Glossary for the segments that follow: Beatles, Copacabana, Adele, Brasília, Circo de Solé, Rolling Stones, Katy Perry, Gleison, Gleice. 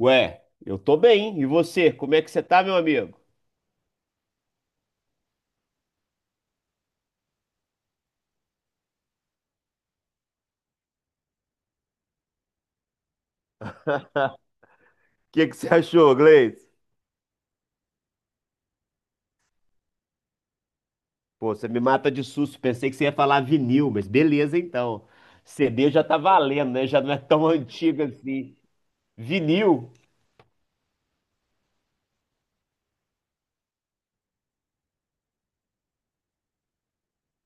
Eu tô bem. E você? Como é que você tá, meu amigo? O que que você achou, Gleice? Pô, você me mata de susto. Pensei que você ia falar vinil, mas beleza então. CD já tá valendo, né? Já não é tão antigo assim. Vinil?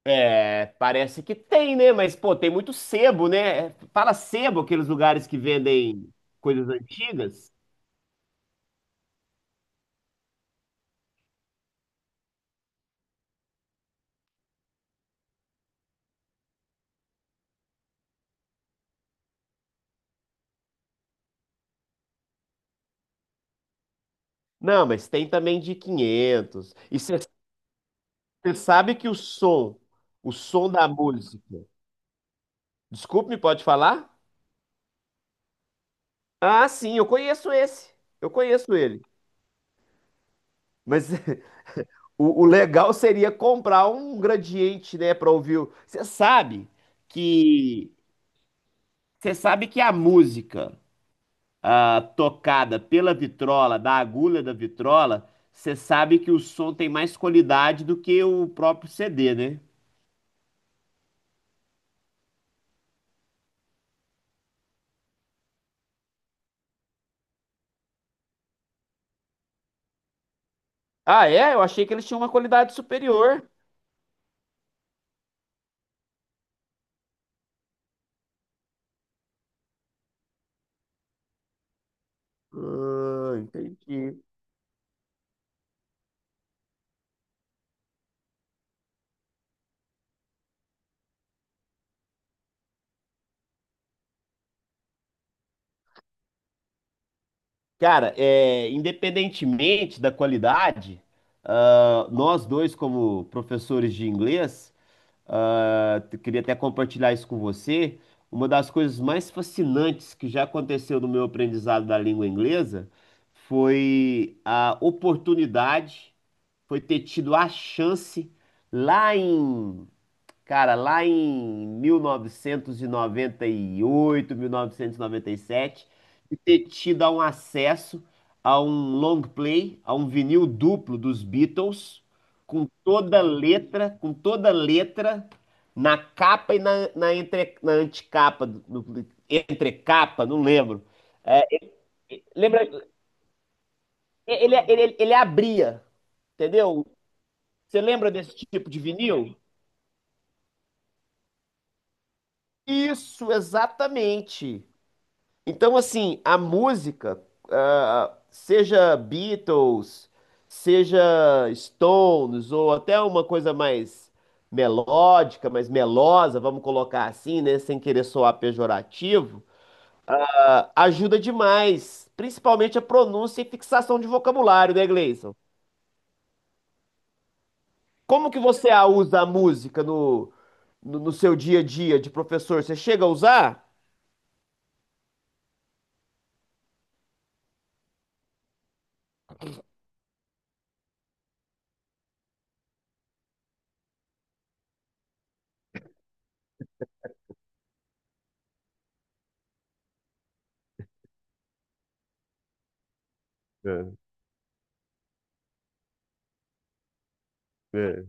É, parece que tem, né? Mas, pô, tem muito sebo, né? Fala sebo, aqueles lugares que vendem coisas antigas? Não, mas tem também de 500. E você sabe que o som da música. Desculpe, pode falar? Ah, sim, eu conheço esse. Eu conheço ele. Mas o legal seria comprar um gradiente, né, para ouvir. Que você sabe que a música tocada pela vitrola, da agulha da vitrola, você sabe que o som tem mais qualidade do que o próprio CD, né? Ah, é? Eu achei que eles tinham uma qualidade superior. Ah, entendi. Cara, é, independentemente da qualidade, nós dois, como professores de inglês, queria até compartilhar isso com você. Uma das coisas mais fascinantes que já aconteceu no meu aprendizado da língua inglesa foi a oportunidade, foi ter tido a chance lá em lá em 1998, 1997, de ter tido um acesso a um long play, a um vinil duplo dos Beatles, com toda letra, na capa e na, na anticapa, entrecapa, não lembro. É, lembra, ele abria, entendeu? Você lembra desse tipo de vinil? Isso, exatamente. Então, assim, a música, seja Beatles, seja Stones, ou até uma coisa mais melódica, mais melosa, vamos colocar assim, né, sem querer soar pejorativo, ajuda demais, principalmente a pronúncia e fixação de vocabulário, né, Gleison? Como que você a usa a música no seu dia a dia de professor? Você chega a usar? É, é.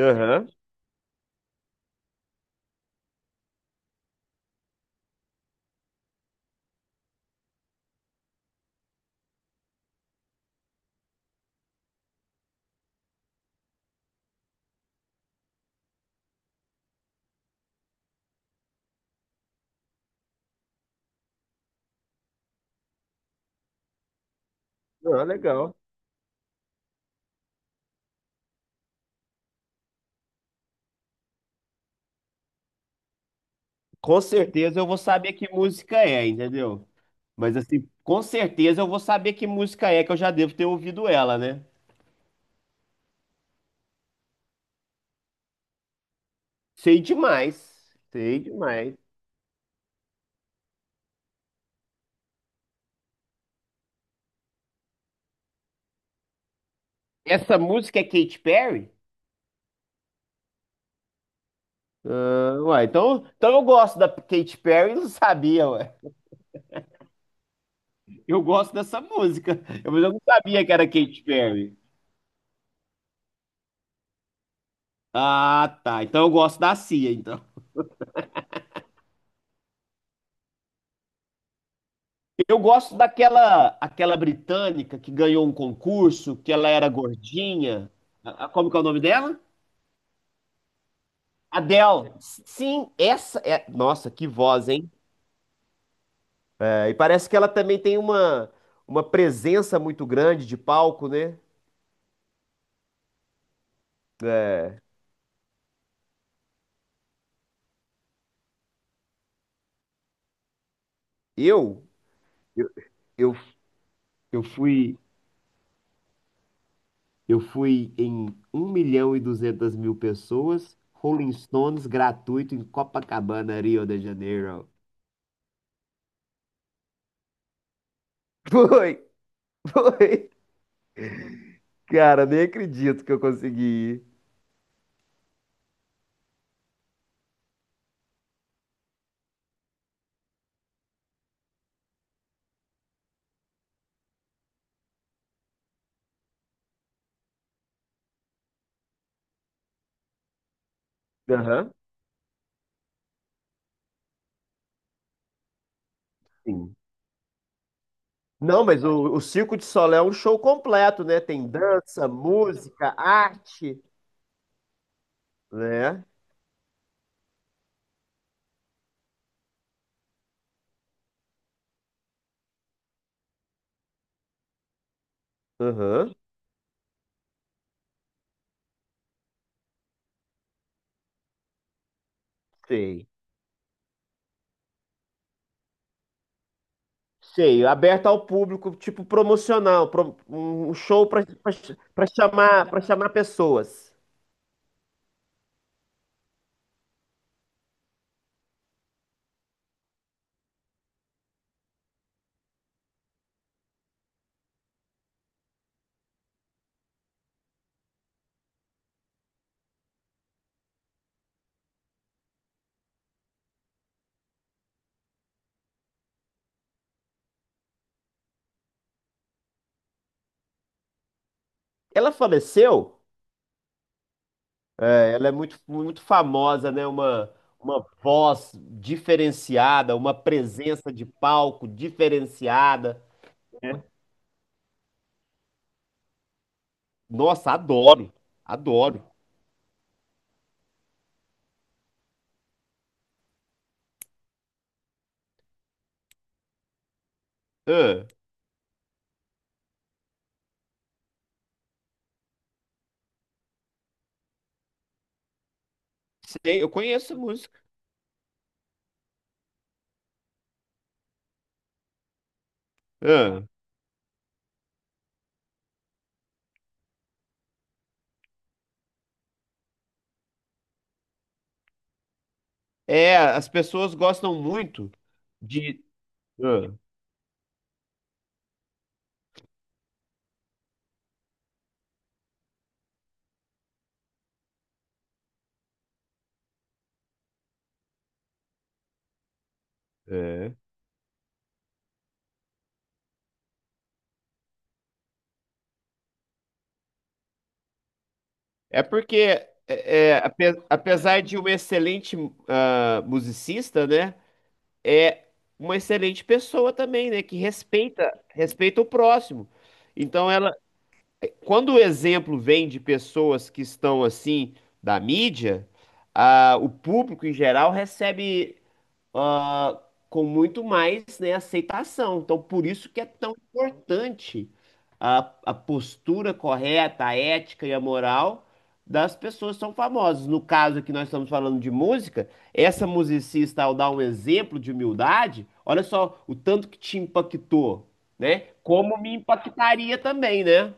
Aham. Ah, legal. Com certeza eu vou saber que música é, entendeu? Mas assim, com certeza eu vou saber que música é, que eu já devo ter ouvido ela, né? Sei demais. Sei demais. Essa música é Katy Perry? Ah, uai, então, então eu gosto da Katy Perry, e não sabia, ué. Eu gosto dessa música, mas eu não sabia que era Katy Perry. Ah, tá. Então eu gosto da Cia, então. Eu gosto daquela aquela britânica que ganhou um concurso, que ela era gordinha. Como que é o nome dela? Adele, sim, essa é. Nossa, que voz, hein? É, e parece que ela também tem uma presença muito grande de palco, né? É, Eu, eu, eu, eu fui, eu fui em 1.200.000 pessoas, Rolling Stones gratuito em Copacabana, Rio de Janeiro. Foi, foi. Cara, nem acredito que eu consegui ir. Aham, sim. Não, mas o Circo de Solé é um show completo, né? Tem dança, música, arte. Né? Aham, sei. Sei, aberto ao público, tipo promocional, um show para chamar pessoas. Ela faleceu, é, ela é muito, muito famosa, né? Uma voz diferenciada, uma presença de palco diferenciada. Nossa, adoro, adoro. Ah, sei, eu conheço a música. Ah, é, as pessoas gostam muito de. Ah, é. É porque, é, é, apesar de um excelente musicista, né? É uma excelente pessoa também, né? Que respeita, respeita o próximo. Então, ela, quando o exemplo vem de pessoas que estão assim da mídia, o público em geral recebe ah, com muito mais, né, aceitação. Então, por isso que é tão importante a, a postura correta, a ética e a moral das pessoas que são famosas. No caso aqui, nós estamos falando de música, essa musicista, ao dar um exemplo de humildade, olha só o tanto que te impactou, né? Como me impactaria também, né?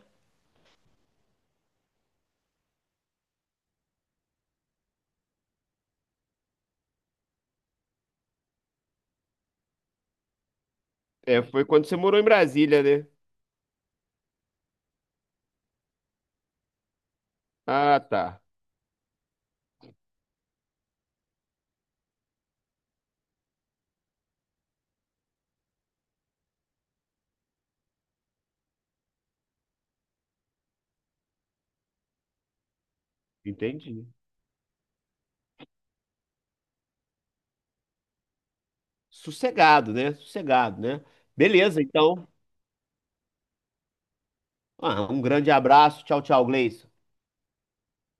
É, foi quando você morou em Brasília, né? Ah, tá. Entendi. Sossegado, né? Sossegado, né? Beleza, então. Ah, um grande abraço. Tchau, tchau, Gleison.